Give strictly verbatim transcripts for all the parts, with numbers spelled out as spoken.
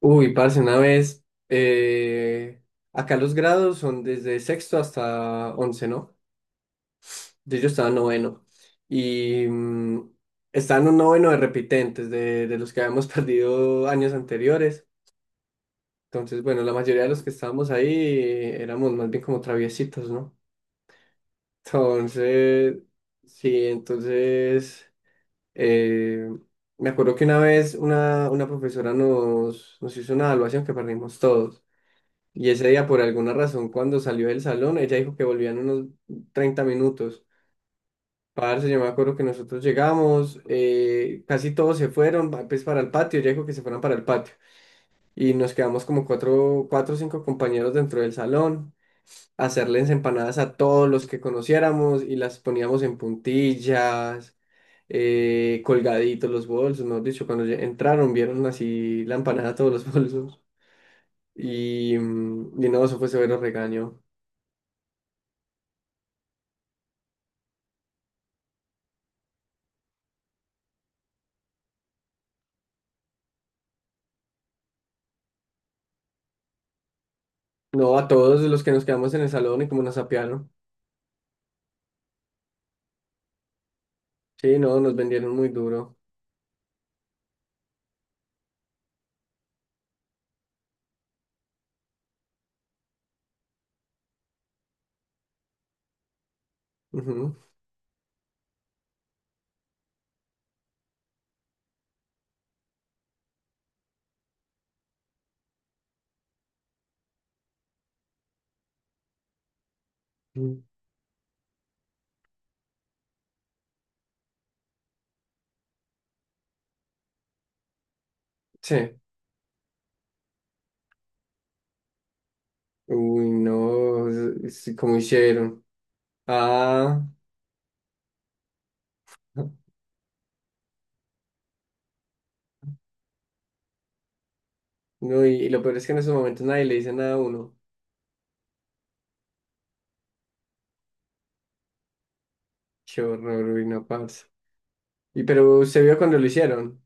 Uy, parce, una vez, eh, acá los grados son desde sexto hasta once, ¿no? Entonces yo estaba en noveno y mm, estaba en un noveno de repitentes, de, de los que habíamos perdido años anteriores. Entonces, bueno, la mayoría de los que estábamos ahí eh, éramos más bien como traviesitos, ¿no? Entonces, sí, entonces, eh, me acuerdo que una vez una, una profesora nos, nos hizo una evaluación que perdimos todos. Y ese día, por alguna razón, cuando salió del salón, ella dijo que volvían unos treinta minutos. Parce, yo me acuerdo que nosotros llegamos, eh, casi todos se fueron, pa- pues para el patio, ella dijo que se fueran para el patio. Y nos quedamos como cuatro, cuatro o cinco compañeros dentro del salón, a hacerles empanadas a todos los que conociéramos y las poníamos en puntillas, eh, colgaditos los bolsos, mejor dicho, cuando ya entraron vieron así la empanada a todos los bolsos. Y, mm, y no, eso fue severo regaño. No, a todos los que nos quedamos en el salón y como nos apiaron. Sí, no, nos vendieron muy duro. Ujú. Mm. Sí. Uy, no, es- es- ¿cómo hicieron? Ah, no, y, y lo peor es que en esos momentos nadie le dice nada a uno. Qué horror, uy, no, parce. Y pero se vio cuando lo hicieron.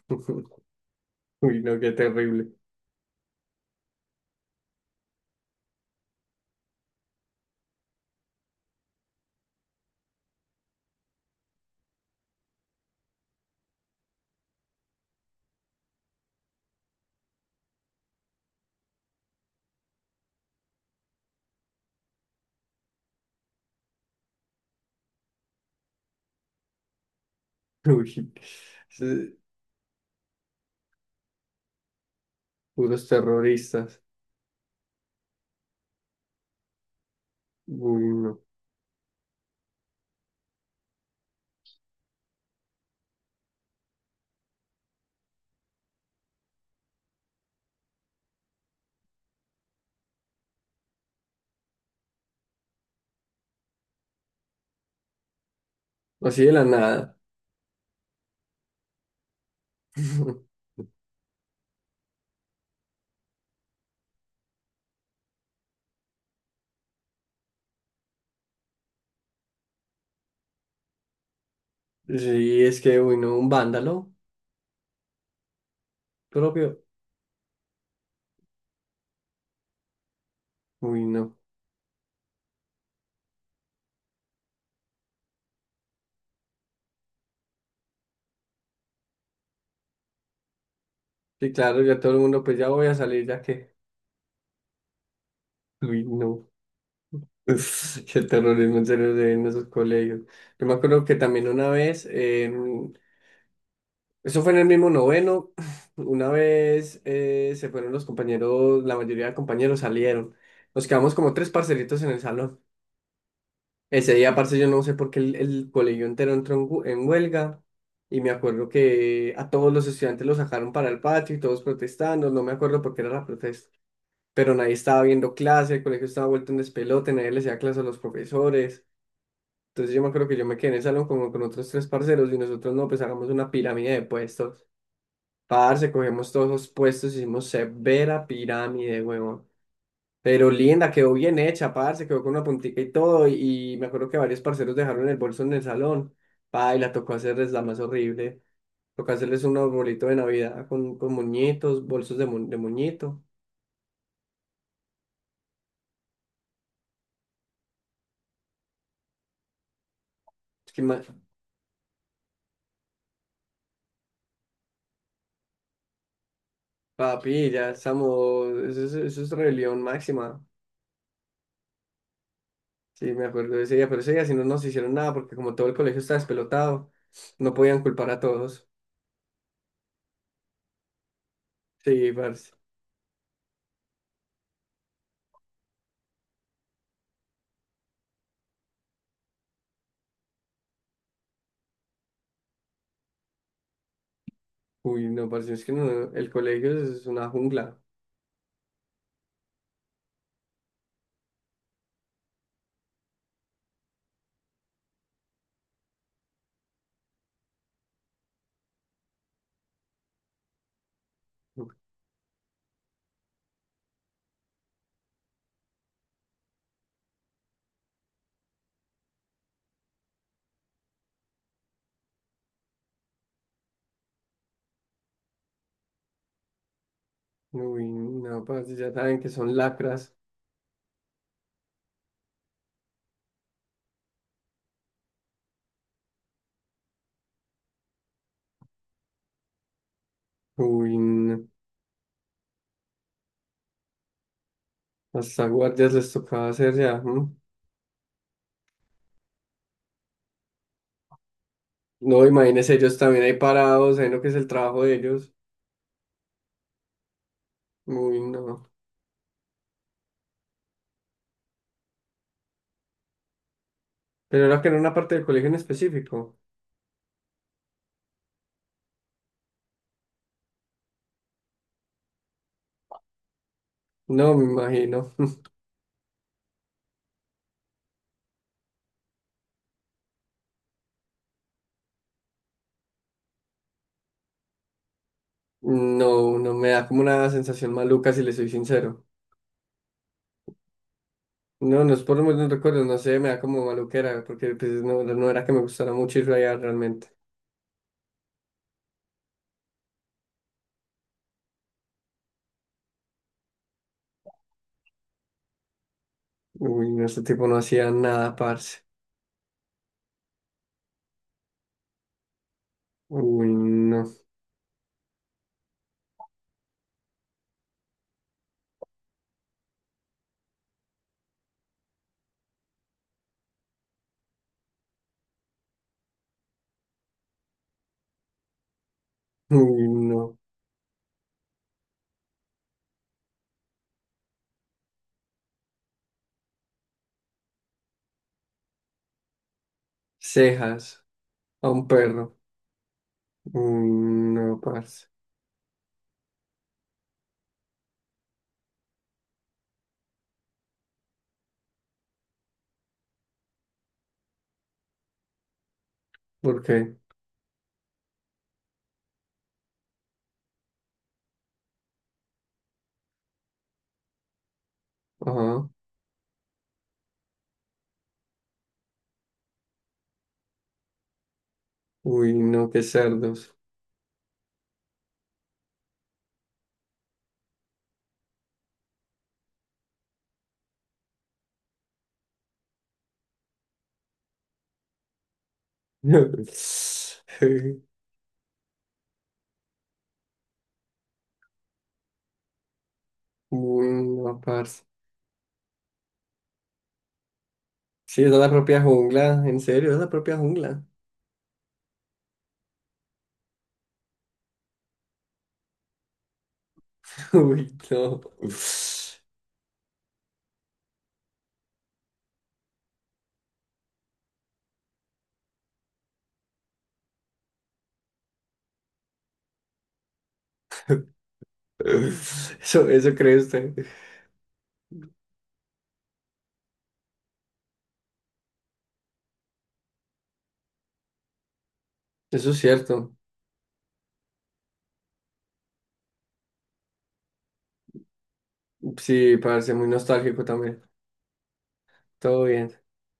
Uy, no, qué terrible. Uy, sí, puros terroristas. Uy, no. Así de la nada. Sí, es que, uy, no, un vándalo propio. Uy, no. Sí, claro, ya todo el mundo, pues ya voy a salir, ya que, uy, no, qué terrorismo en serio se ve en esos colegios. Yo me acuerdo que también una vez, en- eso fue en el mismo noveno, una vez eh, se fueron los compañeros, la mayoría de compañeros salieron, nos quedamos como tres parcelitos en el salón. Ese día, parce, yo no sé por qué el, el colegio entero entró en, hu- en huelga, y me acuerdo que a todos los estudiantes los sacaron para el patio y todos protestando, no me acuerdo por qué era la protesta. Pero nadie estaba viendo clase, el colegio estaba vuelto un despelote, nadie le hacía clase a los profesores. Entonces yo me acuerdo que yo me quedé en el salón como con otros tres parceros y nosotros no, pues hagamos una pirámide de puestos. Parce, cogemos todos los puestos, hicimos severa pirámide, huevón. Pero linda, quedó bien hecha, parce, quedó con una puntica y todo. Y, y me acuerdo que varios parceros dejaron el bolso en el salón. Pa, y la tocó hacerles la más horrible. Tocó hacerles un arbolito de Navidad con, con moñitos, bolsos de, mu- de moñito. Es que ima- Papi, ya estamos, eso es, eso es rebelión máxima. Sí, me acuerdo de ese día, pero ese día si no nos hicieron nada porque como todo el colegio estaba despelotado, no podían culpar a todos. Sí, parce. Uy, no, parce, es que no, el colegio es una jungla. Uy, no, parce, ya saben que son lacras. Uy, no. Hasta guardias les tocaba hacer ya, ¿no? No, imagínense ellos también ahí parados, ahí lo que es el trabajo de ellos. Uy, no. Pero era que era una parte del colegio en específico. No, me imagino. No, no, me da como una sensación maluca si le soy sincero. No, no es por los recuerdos, no sé, me da como maluquera, porque pues, no, no era que me gustara mucho ir allá realmente. Uy, no, este tipo no hacía nada, parce. Uy, no, uy, no. Cejas a un perro. Uy, no, parce. ¿Por qué? Ajá. Uy, no, qué cerdos. Uy, no, parce. Sí, esa es la propia jungla, en serio, esa es la propia jungla. Uy, no. Eso, eso cree usted. Eso es cierto. Sí, parce, muy nostálgico también. Todo bien.